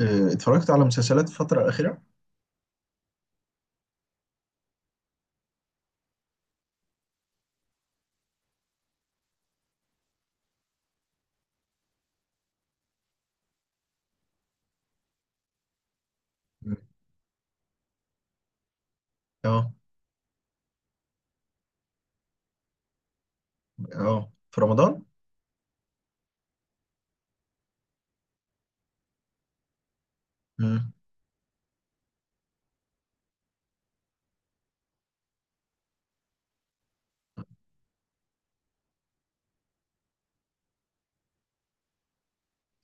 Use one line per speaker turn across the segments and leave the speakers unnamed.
آه، اتفرجت على مسلسلات الفترة الأخيرة؟ مم. اه، اه، في رمضان؟ امم.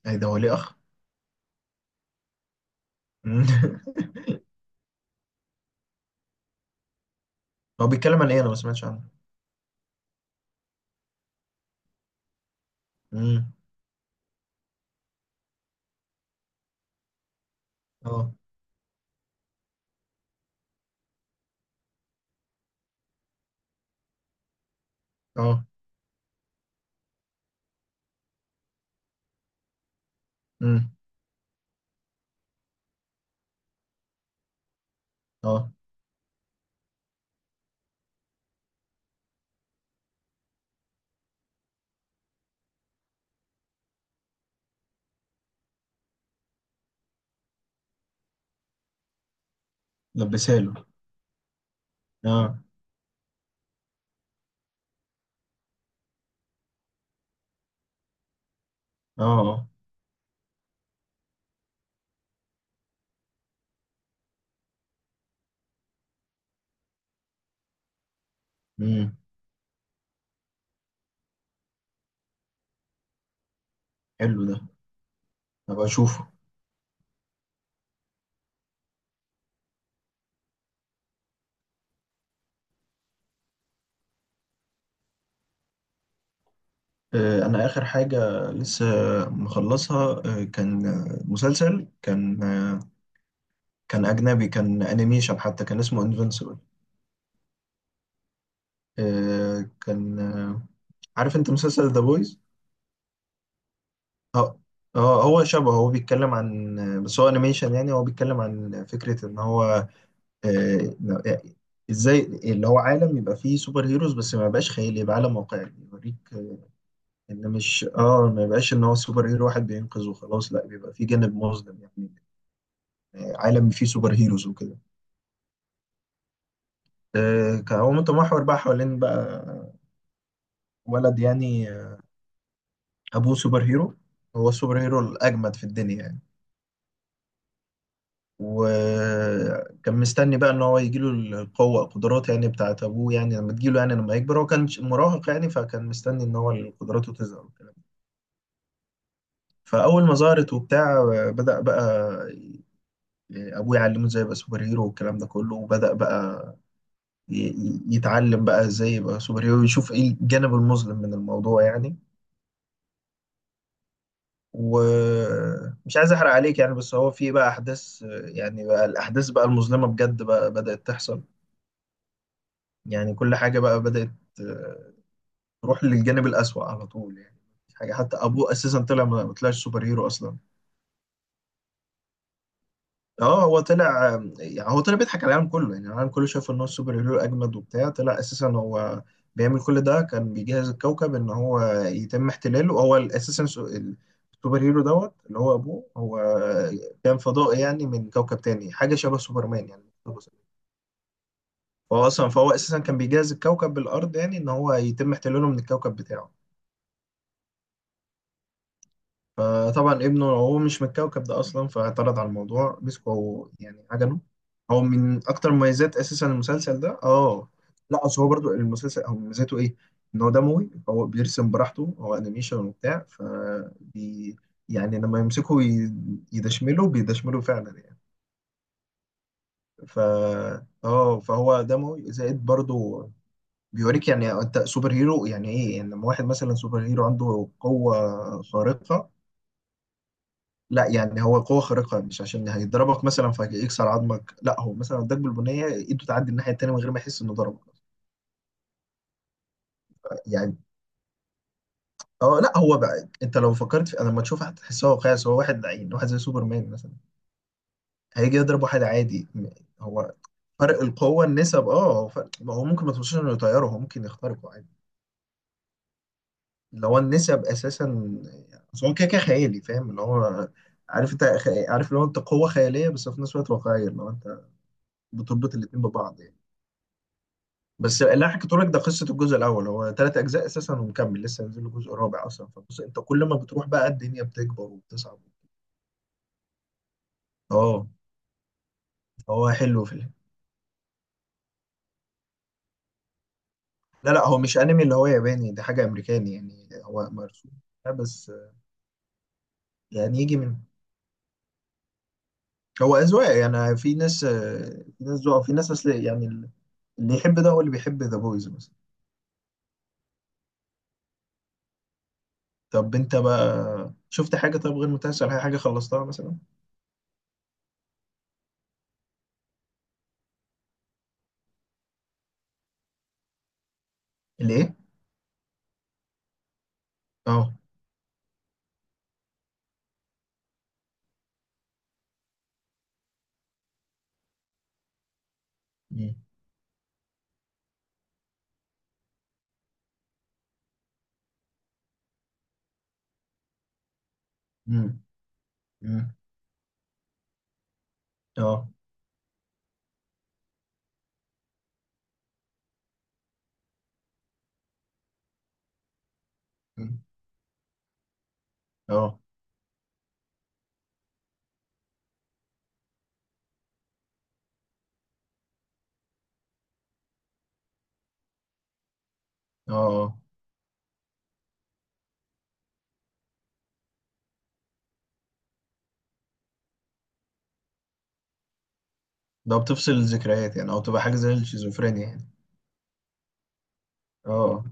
ايه ده، هو ليه أخ؟ مم. هو بيتكلم عن إيه؟ أنا ما سمعتش عنه. امم. اه. اه. امم. اه. لبساله. اه. اه. اه. امم. حلو ده. هبقى أشوفه. أنا آخر حاجة لسه مخلصها كان مسلسل، كان أجنبي، كان أنيميشن حتى، كان اسمه انفنسبل. كان آه، عارف أنت مسلسل ذا بويز؟ اه. اه هو شبه، هو بيتكلم عن، بس هو انيميشن، يعني هو بيتكلم عن فكرة ان هو آه، ازاي اللي هو عالم يبقى فيه سوبر هيروز بس ما يبقاش خيالي، يبقى عالم واقعي يوريك ان مش اه ما يبقاش ان هو سوبر هيرو واحد بينقذ وخلاص، لا بيبقى فيه جانب مظلم يعني. عالم فيه سوبر هيروز وكده. كان هو متمحور بقى حوالين بقى ولد، يعني ابوه سوبر هيرو، هو السوبر هيرو الاجمد في الدنيا يعني. وكان مستني بقى ان هو يجيله القوه، القدرات يعني بتاعت ابوه يعني، لما تجيله يعني لما يكبر، هو كان مراهق يعني، فكان مستني ان هو قدراته تظهر والكلام ده. فاول ما ظهرت وبتاع، بدأ بقى ابوه يعلمه ازاي يبقى سوبر هيرو والكلام ده كله، وبدأ بقى يتعلم بقى ازاي يبقى سوبر هيرو، يشوف ايه الجانب المظلم من الموضوع يعني. ومش عايز احرق عليك يعني، بس هو في بقى احداث، يعني بقى الاحداث بقى المظلمه بجد بقى بدأت تحصل، يعني كل حاجه بقى بدأت روح للجانب الأسوأ على طول يعني. مفيش حاجة، حتى أبوه أساسا طلع ما طلعش سوبر هيرو أصلا. اه هو طلع، يعني هو طلع بيضحك على العالم كله يعني، العالم كله شاف ان هو السوبر هيرو اجمد وبتاع، طلع اساسا هو بيعمل كل ده كان بيجهز الكوكب ان هو يتم احتلاله. هو اساسا السوبر هيرو دوت اللي هو ابوه، هو كان فضائي يعني من كوكب تاني، حاجه شبه سوبرمان يعني. فهو اصلا، فهو اساسا كان بيجهز الكوكب بالارض يعني، ان هو يتم احتلاله من الكوكب بتاعه. فطبعا ابنه هو مش من الكوكب ده اصلا، فاعترض على الموضوع، مسكه هو يعني عجنه. هو من اكتر مميزات اساسا المسلسل ده اه. لا اصل هو برضو المسلسل هو مميزاته ايه، ان هو دموي، هو بيرسم براحته هو انيميشن وبتاع. ف بي يعني لما يمسكه يدشمله، بيدشمله فعلا يعني. ف اه فهو دموي زائد برضو، بيوريك يعني انت سوبر هيرو يعني ايه، يعني لما واحد مثلا سوبر هيرو عنده قوة خارقة. لا يعني هو قوة خارقة مش عشان هيضربك مثلا فيكسر عظمك، لا، هو مثلا اداك بالبنية ايده تعدي الناحية التانية من غير ما يحس انه ضربك يعني. اه لا هو بقى انت لو فكرت في، انا لما تشوف هتحسها واقعي، بس هو واحد لعين واحد زي سوبرمان مثلا هيجي يضرب واحد عادي هو فرق القوة، النسب، اه هو فرق، ما هو ممكن ما توصلش انه يطيره، هو ممكن يخترقه عادي. اللي هو النسب اساسا. بس هو كده كده خيالي، فاهم اللي هو، عارف انت عارف اللي هو انت قوة خيالية بس في نفس الوقت واقعية، اللي هو انت بتربط الاتنين ببعض يعني. بس اللي انا حكيته لك ده قصه الجزء الاول. هو 3 اجزاء اساسا، ومكمل لسه هينزل له جزء رابع اصلا. فبص انت كل ما بتروح بقى الدنيا بتكبر وبتصعب. اه. هو حلو في ال... لا لا هو مش انمي اللي هو ياباني ده، حاجه امريكاني يعني، هو مرسوم. لا بس يعني يجي من، هو اذواق يعني، في ناس في ناس ذوق في ناس اصل يعني، اللي يحب ده هو اللي بيحب ذا بويز مثلا. طب انت بقى شفت حاجه؟ طب غير متاثر حاجه، حاجه خلصتها مثلا؟ الايه؟ اه. مم. مم. مم. اه. مم. اه. اه اه. ده بتفصل الذكريات يعني، او تبقى حاجه زي الشيزوفرينيا يعني؟ اه.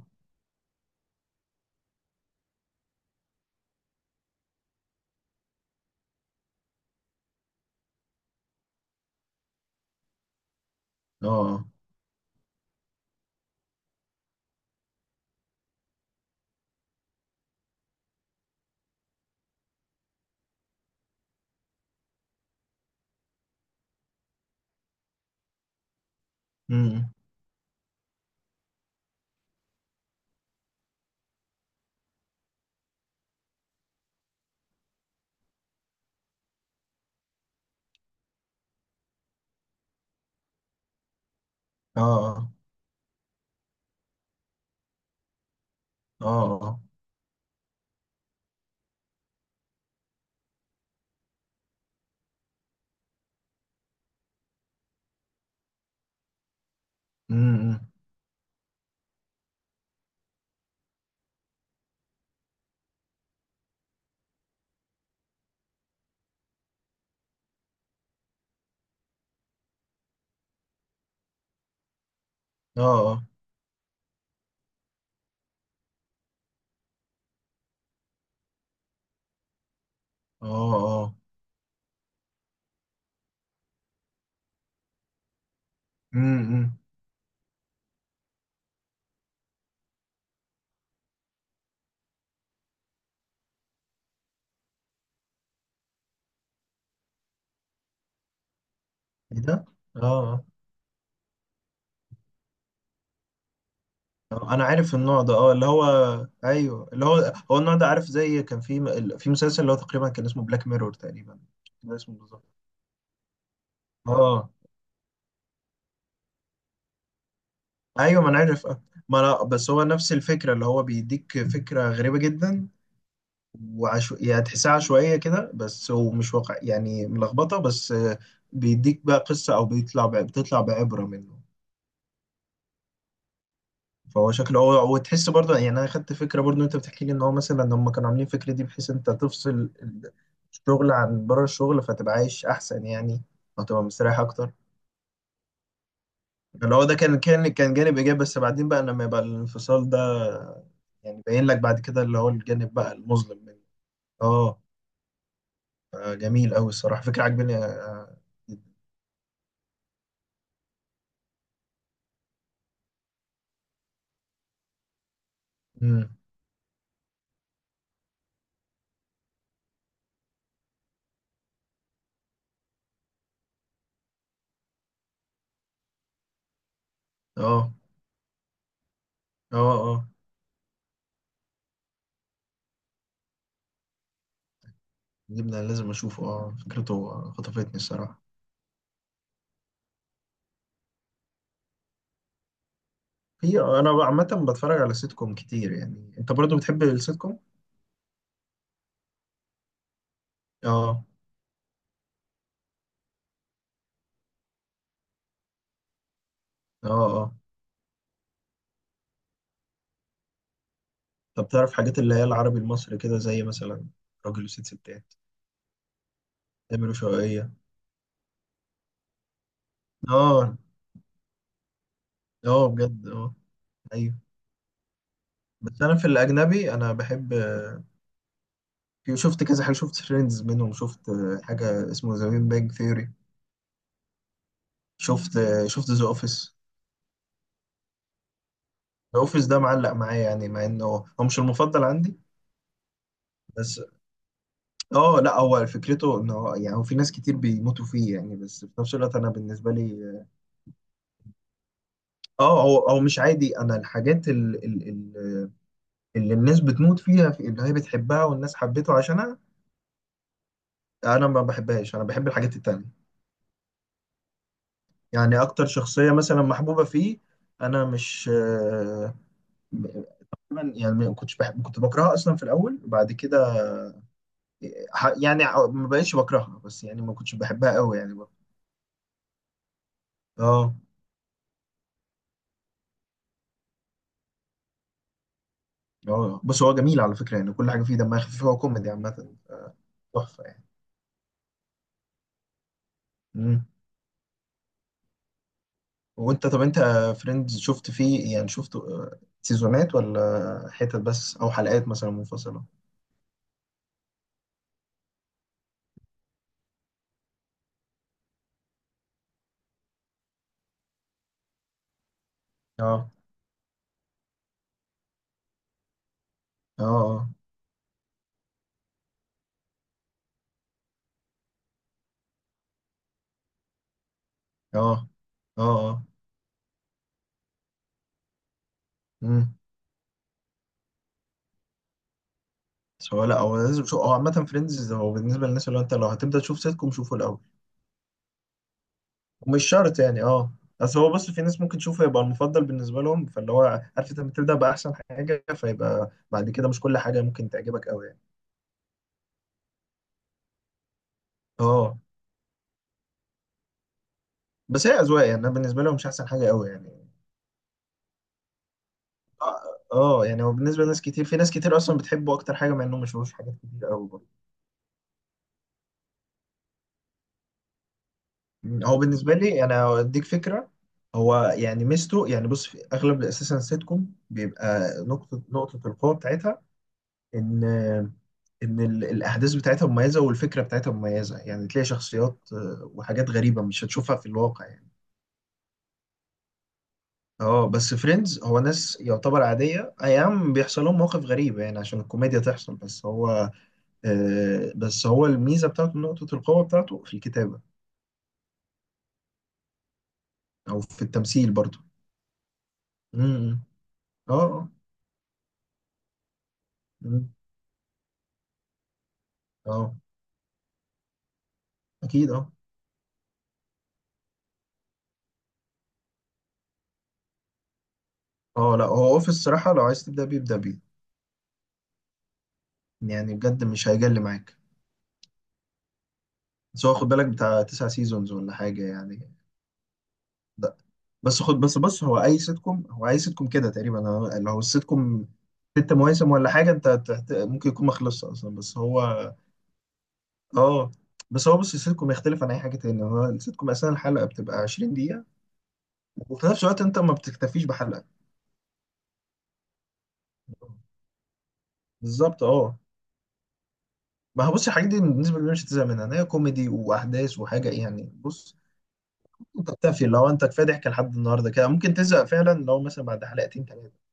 اه. امم. اه. اه. امم. اه. اه. اه. امم. ايه ده! اه. آه. انا عارف النوع ده اه اللي هو، ايوه اللي هو، هو النوع ده، عارف زي كان في في مسلسل اللي هو تقريبا كان اسمه بلاك ميرور تقريبا. ده اسمه بالظبط. اه اه. ايوه ما انا عارف آه. ما انا بس هو نفس الفكره، اللي هو بيديك فكره غريبه جدا، يعني تحسها عشوائية كده بس، ومش واقع يعني، ملخبطة بس بيديك بقى قصة، أو بتطلع بعبرة منه. فهو شكله، هو وتحس برضه يعني، أنا خدت فكرة برضه. أنت بتحكي لي إن هو مثلا هم كانوا عاملين فكرة دي بحيث أنت تفصل الشغل عن بره الشغل، فتبقى عايش أحسن يعني، وتبقى مستريح أكتر. اللي هو ده كان كان جانب إيجابي، بس بعدين بقى لما يبقى الانفصال ده يعني باين لك بعد كده، اللي هو الجانب بقى المظلم منه. اه. جميل أوي الصراحة، فكرة عجباني امم. اه. اه. اه. جبنا، لازم اشوفه، اه فكرته خطفتني الصراحه. هي انا عامه بتفرج على سيت كوم كتير، يعني انت برضو بتحب السيت كوم؟ اه. اه. اه. طب تعرف حاجات اللي هي العربي المصري كده، زي مثلا راجل وست ستات، تامر وشوقية. اه اه بجد اه. ايوه. بس انا في الاجنبي انا بحب، في- شفت كذا حاجه، شفت فريندز منهم، شفت حاجه اسمه ذا بيج ثيوري، شفت، شفت ذا اوفيس. الاوفيس ده معلق معايا يعني، مع انه هو مش المفضل عندي، بس اه. لا هو فكرته انه يعني هو في ناس كتير بيموتوا فيه يعني، بس في نفس الوقت انا بالنسبه لي، اه هو هو مش عادي. انا الحاجات اللي الناس بتموت فيها في، اللي هي بتحبها والناس حبته عشانها، انا ما بحبهاش، انا بحب الحاجات التانية. يعني اكتر شخصيه مثلا محبوبه فيه، انا مش تقريباً يعني ما كنتش بحب، كنت بكرهها اصلا في الاول، وبعد كده يعني ما بقتش بكرهها بس، يعني ما كنتش بحبها قوي يعني. اه. اه. بس هو جميل على فكرة يعني، كل حاجة فيه دمها خفيف، هو كوميدي عامة، تحفة يعني. مم. وانت طب انت فريندز شفت فيه يعني، شفت سيزونات ولا حتت بس، او حلقات مثلا منفصلة؟ اه. اه. اه. اه. اه. اه. امم. بس هو، لا هو لازم شو، هو عامة فريندز هو بالنسبة للناس اللي هو انت لو هتبدأ تشوف سيت كوم شوفه الأول، ومش شرط يعني اه. بس هو بص، في ناس ممكن تشوفه يبقى المفضل بالنسبة لهم، فاللي هو عارف انت بتبدأ بأحسن حاجة، فيبقى بعد كده مش كل حاجة ممكن تعجبك قوي يعني. اه. بس هي اذواق يعني، انا بالنسبه لهم مش احسن حاجه قوي يعني. اه. يعني هو بالنسبه لناس كتير، في ناس كتير اصلا بتحبه اكتر حاجه، مع انهم ما شافوش حاجات كتير قوي برضه. هو بالنسبه لي انا اديك فكره، هو يعني ميزته، يعني بص في اغلب اساسا السيت كوم بيبقى نقطه، نقطه القوه بتاعتها ان الاحداث بتاعتها مميزه والفكره بتاعتها مميزه، يعني تلاقي شخصيات وحاجات غريبه مش هتشوفها في الواقع يعني. اه بس فريندز هو ناس يعتبر عاديه، اي نعم بيحصل لهم مواقف غريبه يعني عشان الكوميديا تحصل، بس هو بس هو الميزة بتاعته، نقطة القوة بتاعته في الكتابة، أو في التمثيل برضه. امم. اه. اه. مم. اه. اكيد اه. اه لا هو اوفيس الصراحة لو عايز تبدأ بيه ابدأ بيه. يعني بجد مش هيجل معاك. بس هو خد بالك بتاع 9 سيزونز ولا حاجة يعني. ده. بس خد، بس بص، هو اي سيت كوم، هو اي سيت كوم كده تقريبا لو السيت كوم 6 مواسم ولا حاجة انت تحت... ممكن يكون ما خلصش اصلا بس هو اه. بس هو بص، السيت كوم يختلف عن اي حاجة تانية، هو السيت كوم اصلا الحلقة بتبقى 20، وفي نفس الوقت انت ما بتكتفيش بحلقه. بالظبط اه. ما هو بص الحاجات دي بالنسبه لي مش هتزهق منها، إن هي كوميدي واحداث وحاجه يعني. بص انت بتكتفي لو انت كفايه ضحك لحد النهارده كده، ممكن تزهق فعلا لو مثلا بعد حلقتين 3.